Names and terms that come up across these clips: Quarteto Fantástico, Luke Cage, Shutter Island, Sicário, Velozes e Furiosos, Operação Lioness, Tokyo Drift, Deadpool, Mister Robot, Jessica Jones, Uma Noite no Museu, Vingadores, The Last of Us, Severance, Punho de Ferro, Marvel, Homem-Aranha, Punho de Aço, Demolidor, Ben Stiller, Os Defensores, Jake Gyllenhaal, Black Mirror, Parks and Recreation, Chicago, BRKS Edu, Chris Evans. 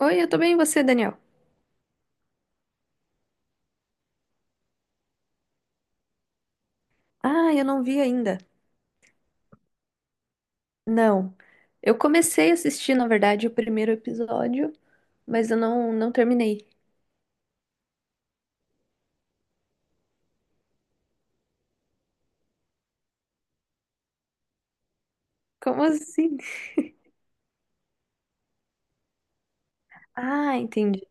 Oi, eu tô bem, e você, Daniel? Ah, eu não vi ainda. Não. Eu comecei a assistir, na verdade, o primeiro episódio, mas eu não terminei. Como assim? Ah, entendi.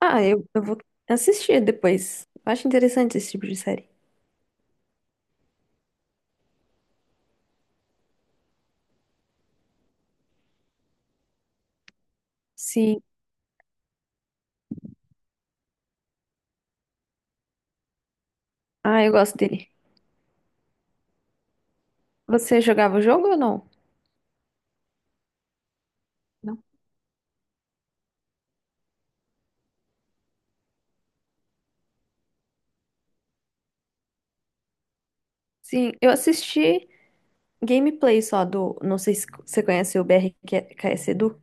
Ah, eu vou assistir depois. Eu acho interessante esse tipo de série. Sim. Ah, eu gosto dele. Você jogava o jogo ou não? Não. Sim, eu assisti gameplay só do. Não sei se você conhece o BRKS Edu.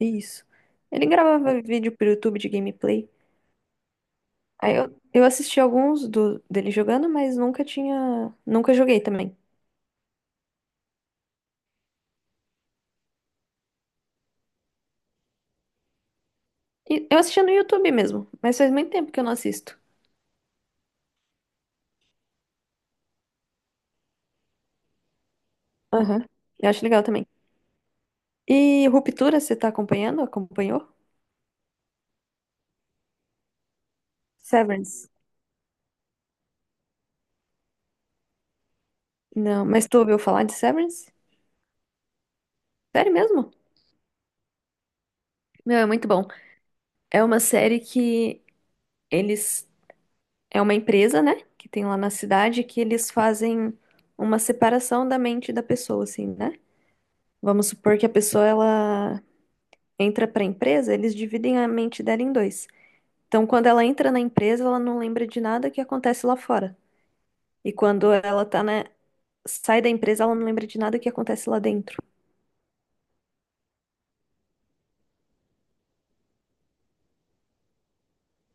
Isso. Ele gravava vídeo pro YouTube de gameplay. Aí eu assisti alguns do, dele jogando, mas nunca tinha. Nunca joguei também. E eu assistia no YouTube mesmo, mas faz muito tempo que eu não assisto. Aham. Eu acho legal também. E Ruptura, você tá acompanhando? Acompanhou? Severance. Não, mas tu ouviu falar de Severance? Sério mesmo? Meu, é muito bom. É uma série que eles. É uma empresa, né? Que tem lá na cidade que eles fazem uma separação da mente da pessoa, assim, né? Vamos supor que a pessoa, ela entra para a empresa, eles dividem a mente dela em dois. Então, quando ela entra na empresa, ela não lembra de nada que acontece lá fora. E quando ela tá na sai da empresa, ela não lembra de nada que acontece lá dentro.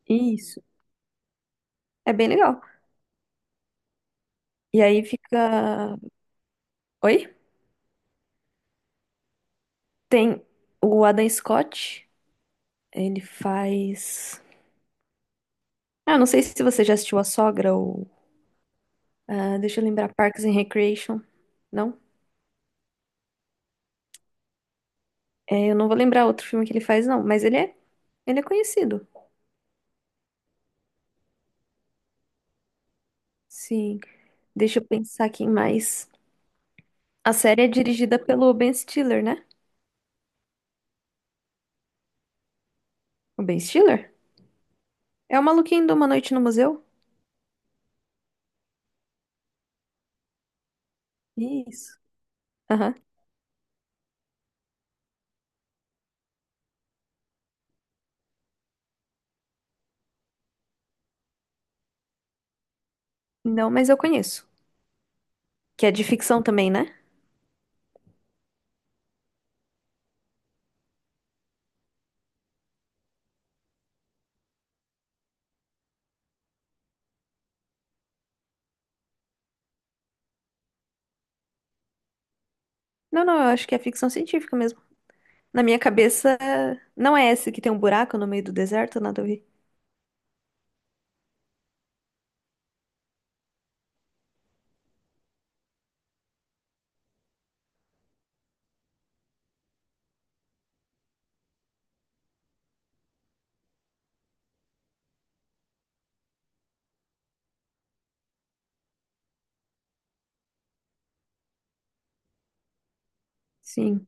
Isso. É bem legal. E aí fica. Oi? Tem o Adam Scott, ele faz. Ah, eu não sei se você já assistiu A Sogra ou deixa eu lembrar, Parks and Recreation. Não? É, eu não vou lembrar outro filme que ele faz, não, mas ele é. Ele é conhecido. Sim. Deixa eu pensar aqui em mais. A série é dirigida pelo Ben Stiller, né? O Ben Stiller? É o maluquinho de Uma Noite no Museu? Isso. Aham. Não, mas eu conheço. Que é de ficção também, né? Não, eu acho que é ficção científica mesmo. Na minha cabeça, não é esse que tem um buraco no meio do deserto, nada a ver. Sim.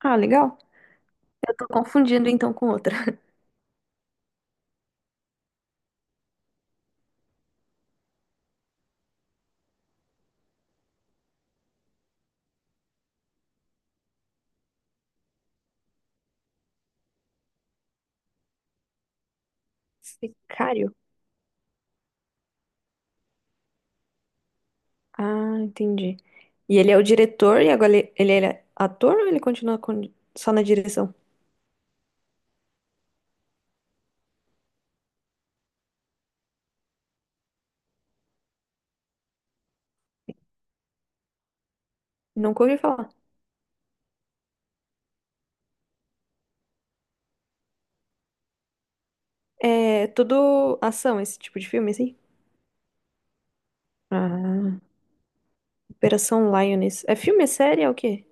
Ah, legal. Eu tô confundindo então com outra. Sicário? Ah, entendi. E ele é o diretor e agora ele é ator ou ele continua com- só na direção? Nunca ouvi falar. É tudo ação, esse tipo de filme, assim? Ah, Operação Lioness. É filme? É série? É o quê?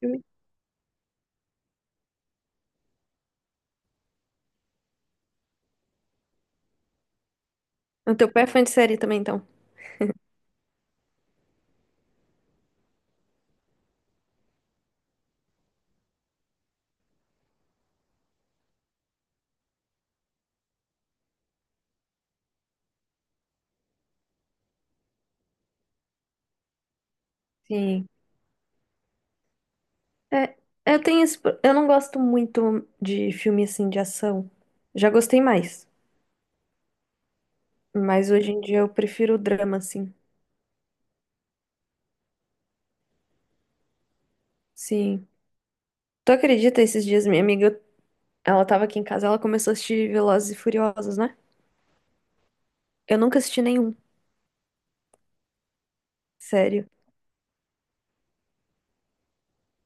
Filme. O teu pai é fã de série também, então? Sim. É, eu tenho esse, pro- eu não gosto muito de filme, assim, de ação. Já gostei mais. Mas hoje em dia eu prefiro o drama, assim. Sim. Tu acredita, esses dias minha amiga, ela tava aqui em casa, ela começou a assistir Velozes e Furiosos, né? Eu nunca assisti nenhum, sério.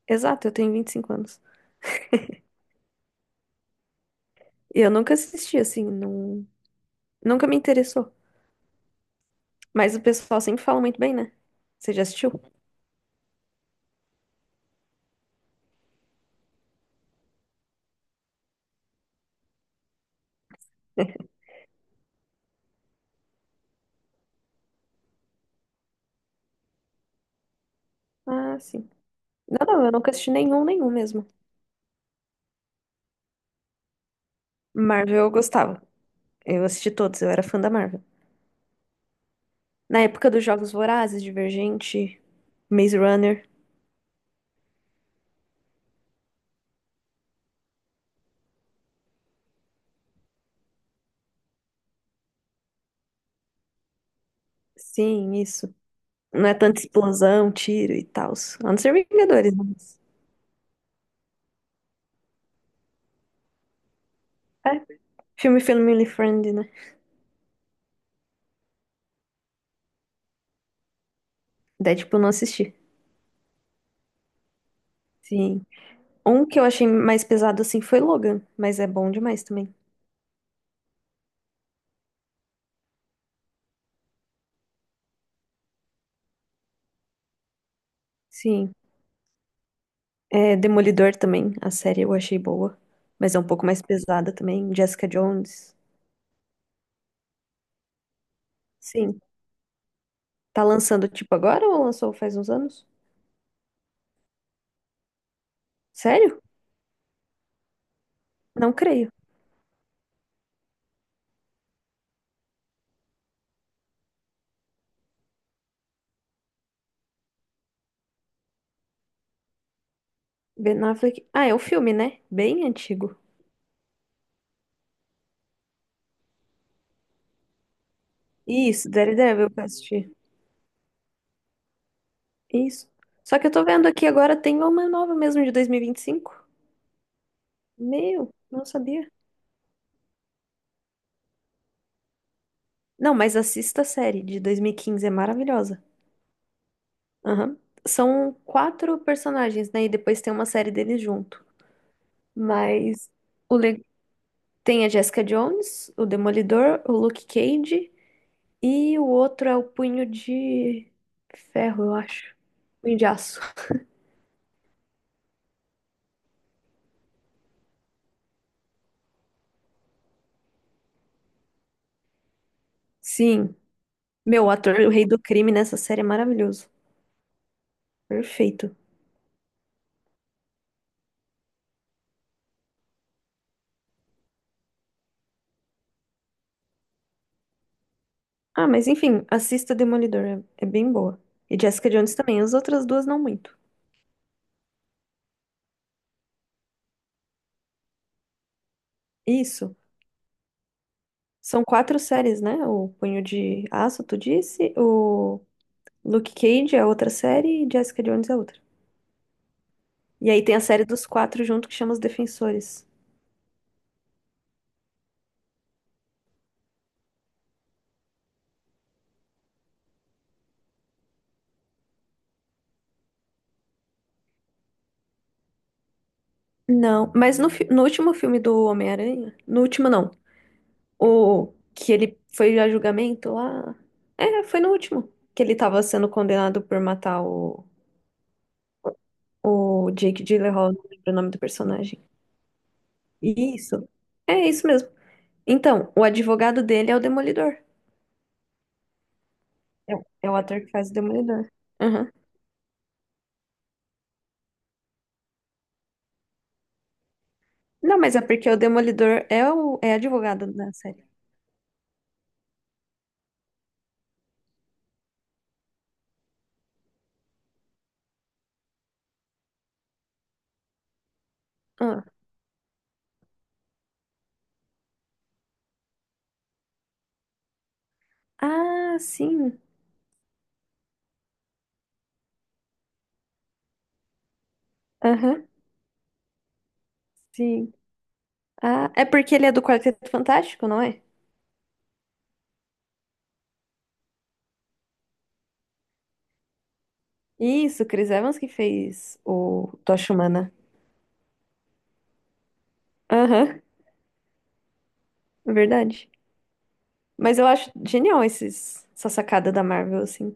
Exato, eu tenho 25 anos. E eu nunca assisti, assim, não... nunca me interessou. Mas o pessoal sempre fala muito bem, né? Você já assistiu? Ah, sim. Não, eu nunca assisti nenhum, nenhum mesmo. Marvel eu gostava. Eu assisti todos, eu era fã da Marvel. Na época dos Jogos Vorazes, Divergente, Maze Runner. Sim, isso. Não é tanta explosão, tiro e tal. A não ser Vingadores, né? É, filme family friendly, né? Deadpool eu não assisti. Sim. Um que eu achei mais pesado assim foi Logan, mas é bom demais também. Sim. É, Demolidor também, a série eu achei boa, mas é um pouco mais pesada também. Jessica Jones. Sim. Tá lançando tipo agora ou lançou faz uns anos? Sério? Não creio. Ben Affleck. Ah, é o filme, né? Bem antigo. Isso, Daredevil que eu assisti. Isso. Só que eu tô vendo aqui agora tem uma nova mesmo de 2025. Meu, não sabia. Não, mas assista a série de 2015, é maravilhosa. Aham. São quatro personagens, né? E depois tem uma série deles junto. Mas o le- tem a Jessica Jones, o Demolidor, o Luke Cage e o outro é o Punho de Ferro, eu acho. Punho de Aço. Sim. Meu, o ator, o rei do crime nessa série é maravilhoso. Perfeito. Ah, mas enfim, assista Demolidor, é, é bem boa. E Jessica Jones também, as outras duas não muito. Isso. São quatro séries, né? O Punho de Aço, tu disse? O Luke Cage é outra série e Jessica Jones é outra. E aí tem a série dos quatro junto que chama Os Defensores. Não, mas no, fi- no último filme do Homem-Aranha, no último não, o que ele foi a julgamento lá, é, foi no último, que ele tava sendo condenado por matar o Jake Gyllenhaal, não lembro o nome do personagem. Isso, é isso mesmo. Então, o advogado dele é o Demolidor. É, o é o ator que faz o Demolidor. Aham. Não, mas é porque o Demolidor é o é advogado da série. Ah. Ah, sim. Aham, sim. Ah, é porque ele é do Quarteto Fantástico, não é? Isso, Chris Evans que fez o Tocha Humana. Aham, é verdade. Mas eu acho genial esses, essa sacada da Marvel, assim.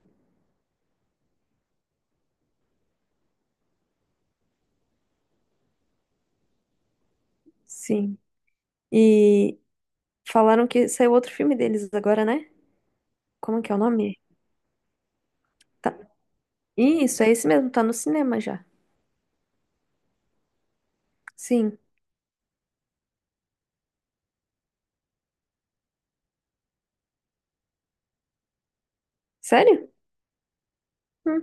Sim. E falaram que saiu outro filme deles agora, né? Como que é o nome? Tá. Isso, é esse mesmo, tá no cinema já. Sim. Sério? Hum,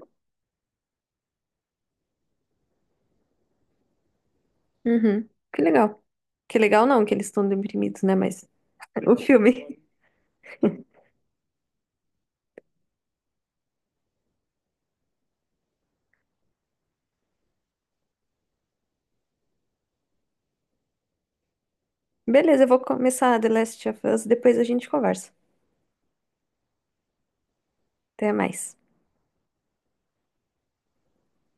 Uhum. Que legal. Que legal não que eles estão deprimidos, né? Mas o filme. Beleza, eu vou começar The Last of Us, depois a gente conversa. Até mais.